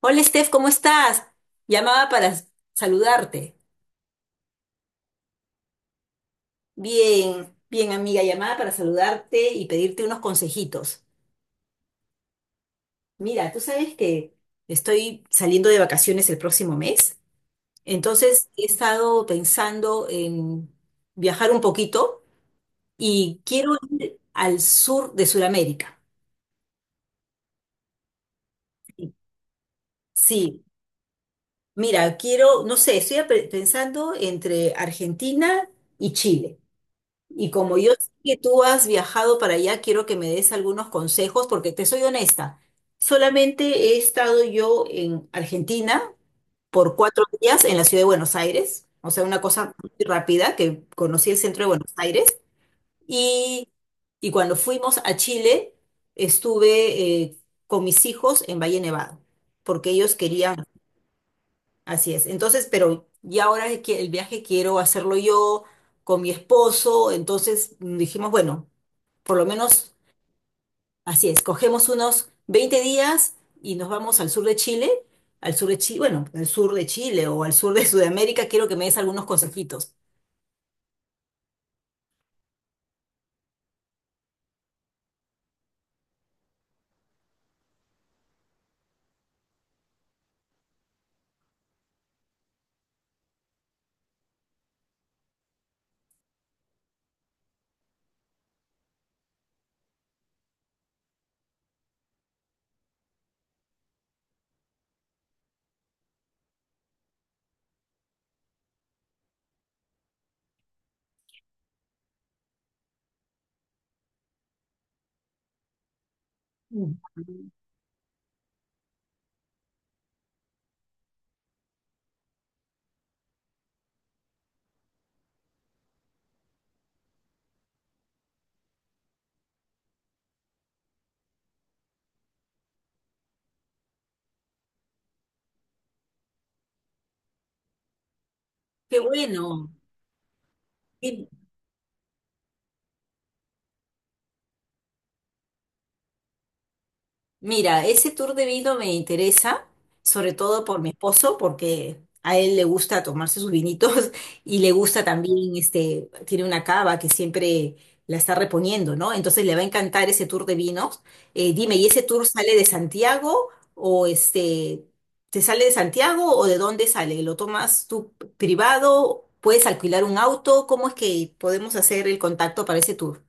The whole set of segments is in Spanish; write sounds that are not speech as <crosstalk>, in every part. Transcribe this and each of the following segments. Hola Steph, ¿cómo estás? Llamaba para saludarte. Bien, bien amiga, llamaba para saludarte y pedirte unos consejitos. Mira, tú sabes que estoy saliendo de vacaciones el próximo mes, entonces he estado pensando en viajar un poquito y quiero ir al sur de Sudamérica. Sí, mira, quiero, no sé, pensando entre Argentina y Chile. Y como yo sé que tú has viajado para allá, quiero que me des algunos consejos, porque te soy honesta. Solamente he estado yo en Argentina por 4 días en la ciudad de Buenos Aires, o sea, una cosa muy rápida, que conocí el centro de Buenos Aires. Y, y cuando fuimos a Chile, estuve con mis hijos en Valle Nevado, porque ellos querían, así es. Entonces, pero ya ahora que el viaje quiero hacerlo yo con mi esposo, entonces dijimos, bueno, por lo menos, así es, cogemos unos 20 días y nos vamos al sur de Chile, al sur de Chile, bueno, al sur de Chile o al sur de Sudamérica, quiero que me des algunos consejitos. Mm. Qué bueno, qué Mira, ese tour de vino me interesa, sobre todo por mi esposo, porque a él le gusta tomarse sus vinitos <laughs> y le gusta también, este, tiene una cava que siempre la está reponiendo, ¿no? Entonces le va a encantar ese tour de vinos. Dime, ¿y ese tour sale de Santiago o te sale de Santiago o de dónde sale? ¿Lo tomas tú privado? ¿Puedes alquilar un auto? ¿Cómo es que podemos hacer el contacto para ese tour?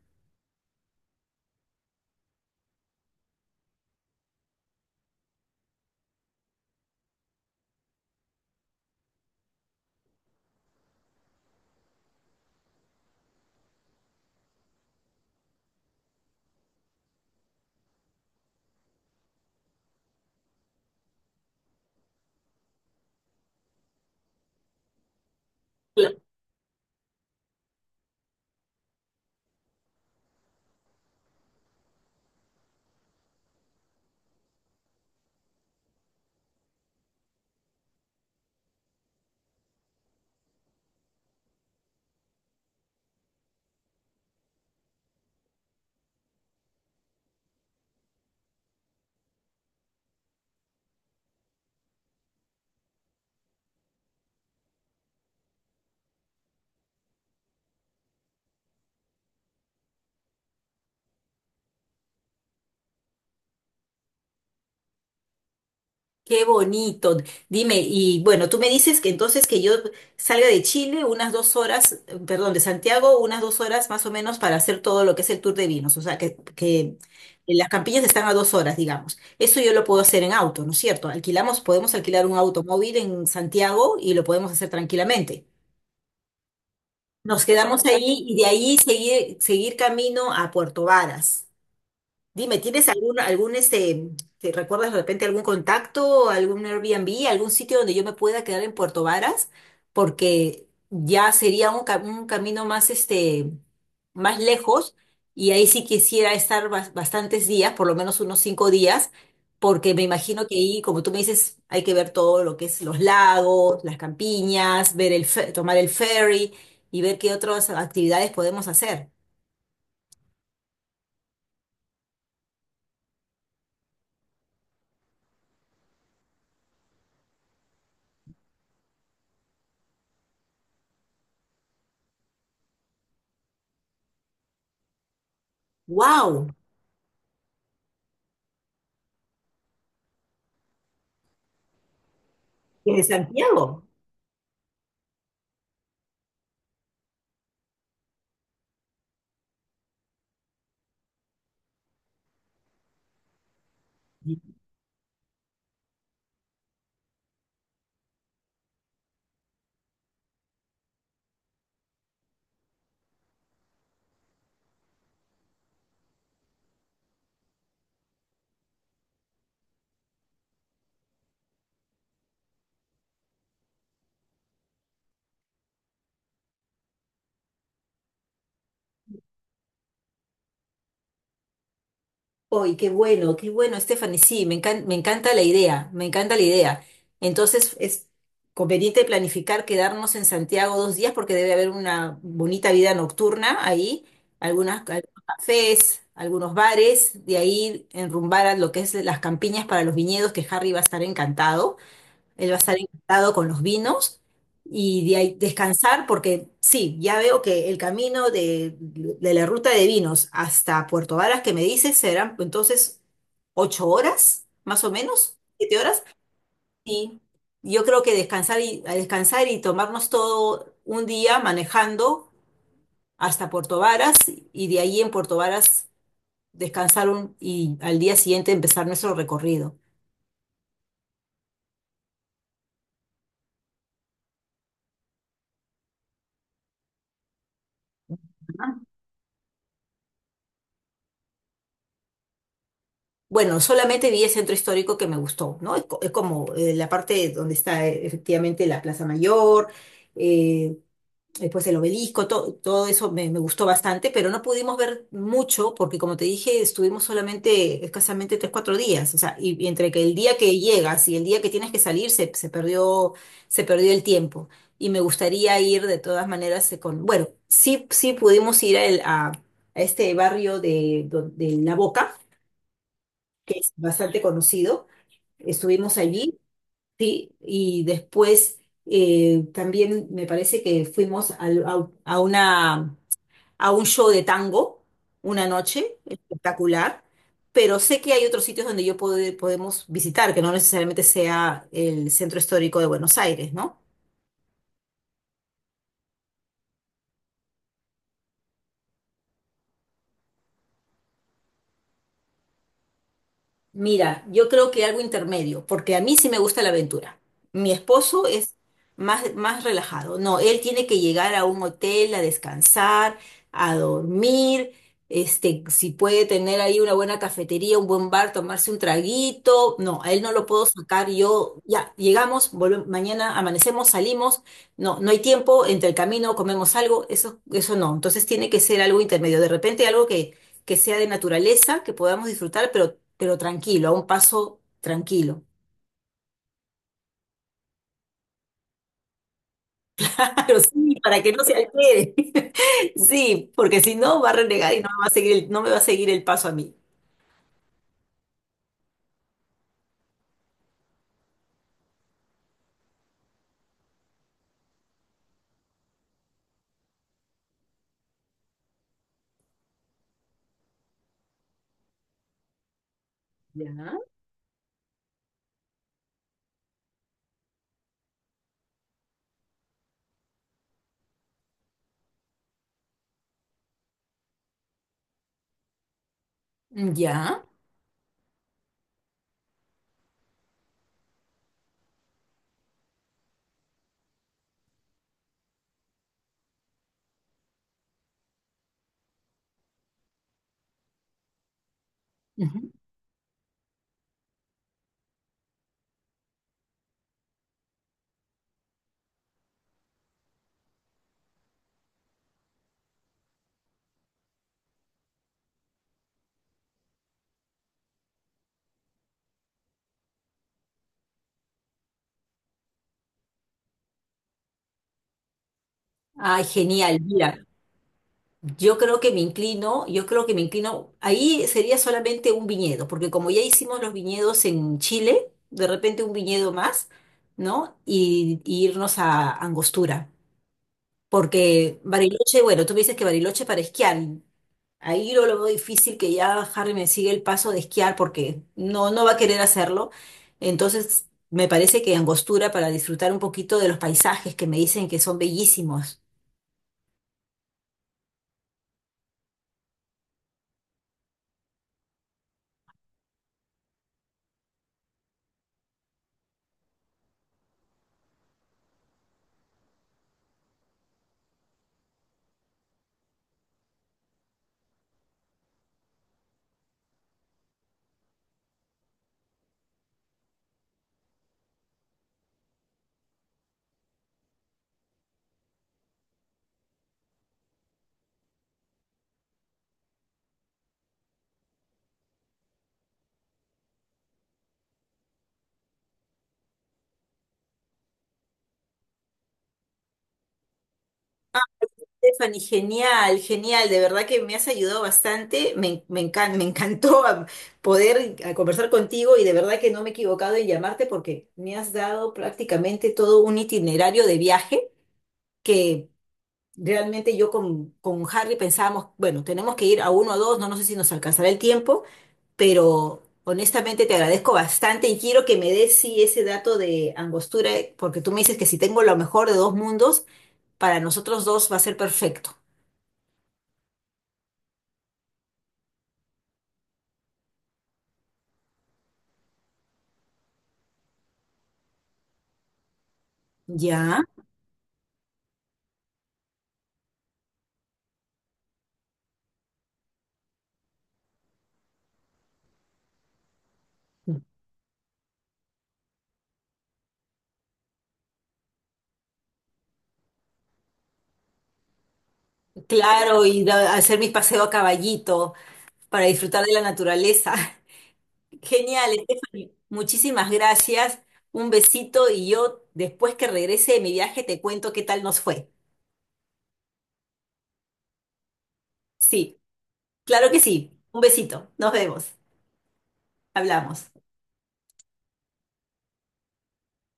Qué bonito. Dime, y bueno, tú me dices que entonces que yo salga de Chile unas 2 horas, perdón, de Santiago, unas 2 horas más o menos para hacer todo lo que es el tour de vinos. O sea, que las campiñas están a 2 horas, digamos. Eso yo lo puedo hacer en auto, ¿no es cierto? Alquilamos, podemos alquilar un automóvil en Santiago y lo podemos hacer tranquilamente. Nos quedamos ahí y de ahí seguir, seguir camino a Puerto Varas. Dime, ¿tienes algún, te recuerdas de repente algún contacto, algún Airbnb, algún sitio donde yo me pueda quedar en Puerto Varas? Porque ya sería un camino más, este, más lejos y ahí sí quisiera estar bastantes días, por lo menos unos 5 días, porque me imagino que ahí, como tú me dices, hay que ver todo lo que es los lagos, las campiñas, ver tomar el ferry y ver qué otras actividades podemos hacer. ¡Wow! ¿Desde Santiago? Uy, qué bueno, Stephanie. Sí, me encanta la idea, me encanta la idea. Entonces, es conveniente planificar quedarnos en Santiago 2 días porque debe haber una bonita vida nocturna ahí, algunas, algunos cafés, algunos bares, de ahí enrumbar a lo que es las campiñas para los viñedos, que Harry va a estar encantado. Él va a estar encantado con los vinos y de ahí descansar porque sí, ya veo que el camino de la ruta de vinos hasta Puerto Varas que me dices serán entonces 8 horas, más o menos, 7 horas. Y yo creo que descansar y, a descansar y tomarnos todo un día manejando hasta Puerto Varas y de ahí en Puerto Varas y al día siguiente empezar nuestro recorrido. Bueno, solamente vi el centro histórico que me gustó, ¿no? Es, es como la parte donde está efectivamente la Plaza Mayor, eh, después el obelisco, todo eso me, me gustó bastante, pero no pudimos ver mucho porque, como te dije, estuvimos solamente escasamente 3, 4 días, o sea, y entre que el día que llegas y el día que tienes que salir se, se perdió el tiempo. Y me gustaría ir de todas maneras con, bueno, sí, sí pudimos ir a este barrio de La Boca que es bastante conocido. Estuvimos allí, sí, y después también me parece que a una, a un show de tango una noche, espectacular, pero sé que hay otros sitios donde yo podemos visitar, que no necesariamente sea el centro histórico de Buenos Aires, ¿no? Mira, yo creo que algo intermedio, porque a mí sí me gusta la aventura. Mi esposo es más, más relajado. No, él tiene que llegar a un hotel a descansar, a dormir, este, si puede tener ahí una buena cafetería, un buen bar, tomarse un traguito. No, a él no lo puedo sacar. Yo, ya, llegamos, volvemos, mañana amanecemos, salimos. No, no hay tiempo, entre el camino comemos algo, eso no. Entonces tiene que ser algo intermedio. De repente algo que sea de naturaleza, que podamos disfrutar, pero tranquilo, a un paso tranquilo. <laughs> Claro, sí, para que no se altere. <laughs> Sí, porque si no va a renegar y no me va a seguir no me va a seguir el paso a mí. Ya. Ya. Ujú. Ay, genial. Mira, yo creo que me inclino, yo creo que me inclino, ahí sería solamente un viñedo, porque como ya hicimos los viñedos en Chile, de repente un viñedo más, ¿no? Y irnos a Angostura. Porque Bariloche, bueno, tú me dices que Bariloche es para esquiar. Ahí yo lo veo difícil que ya Harry me siga el paso de esquiar porque no, no va a querer hacerlo. Entonces, me parece que Angostura para disfrutar un poquito de los paisajes que me dicen que son bellísimos. Stephanie, genial, genial, de verdad que me has ayudado bastante, me, me encantó poder a conversar contigo y de verdad que no me he equivocado en llamarte porque me has dado prácticamente todo un itinerario de viaje que Realmente yo con Harry pensábamos, bueno, tenemos que ir a uno o dos, no, no sé si nos alcanzará el tiempo, pero honestamente te agradezco bastante y quiero que me des sí ese dato de Angostura, porque tú me dices que si tengo lo mejor de dos mundos, para nosotros dos va a ser perfecto. Ya, claro, hacer mi paseo a caballito para disfrutar de la naturaleza. <laughs> Genial, Stephanie. Muchísimas gracias. Un besito y yo después que regrese de mi viaje te cuento qué tal nos fue. Sí. Claro que sí. Un besito. Nos vemos. Hablamos.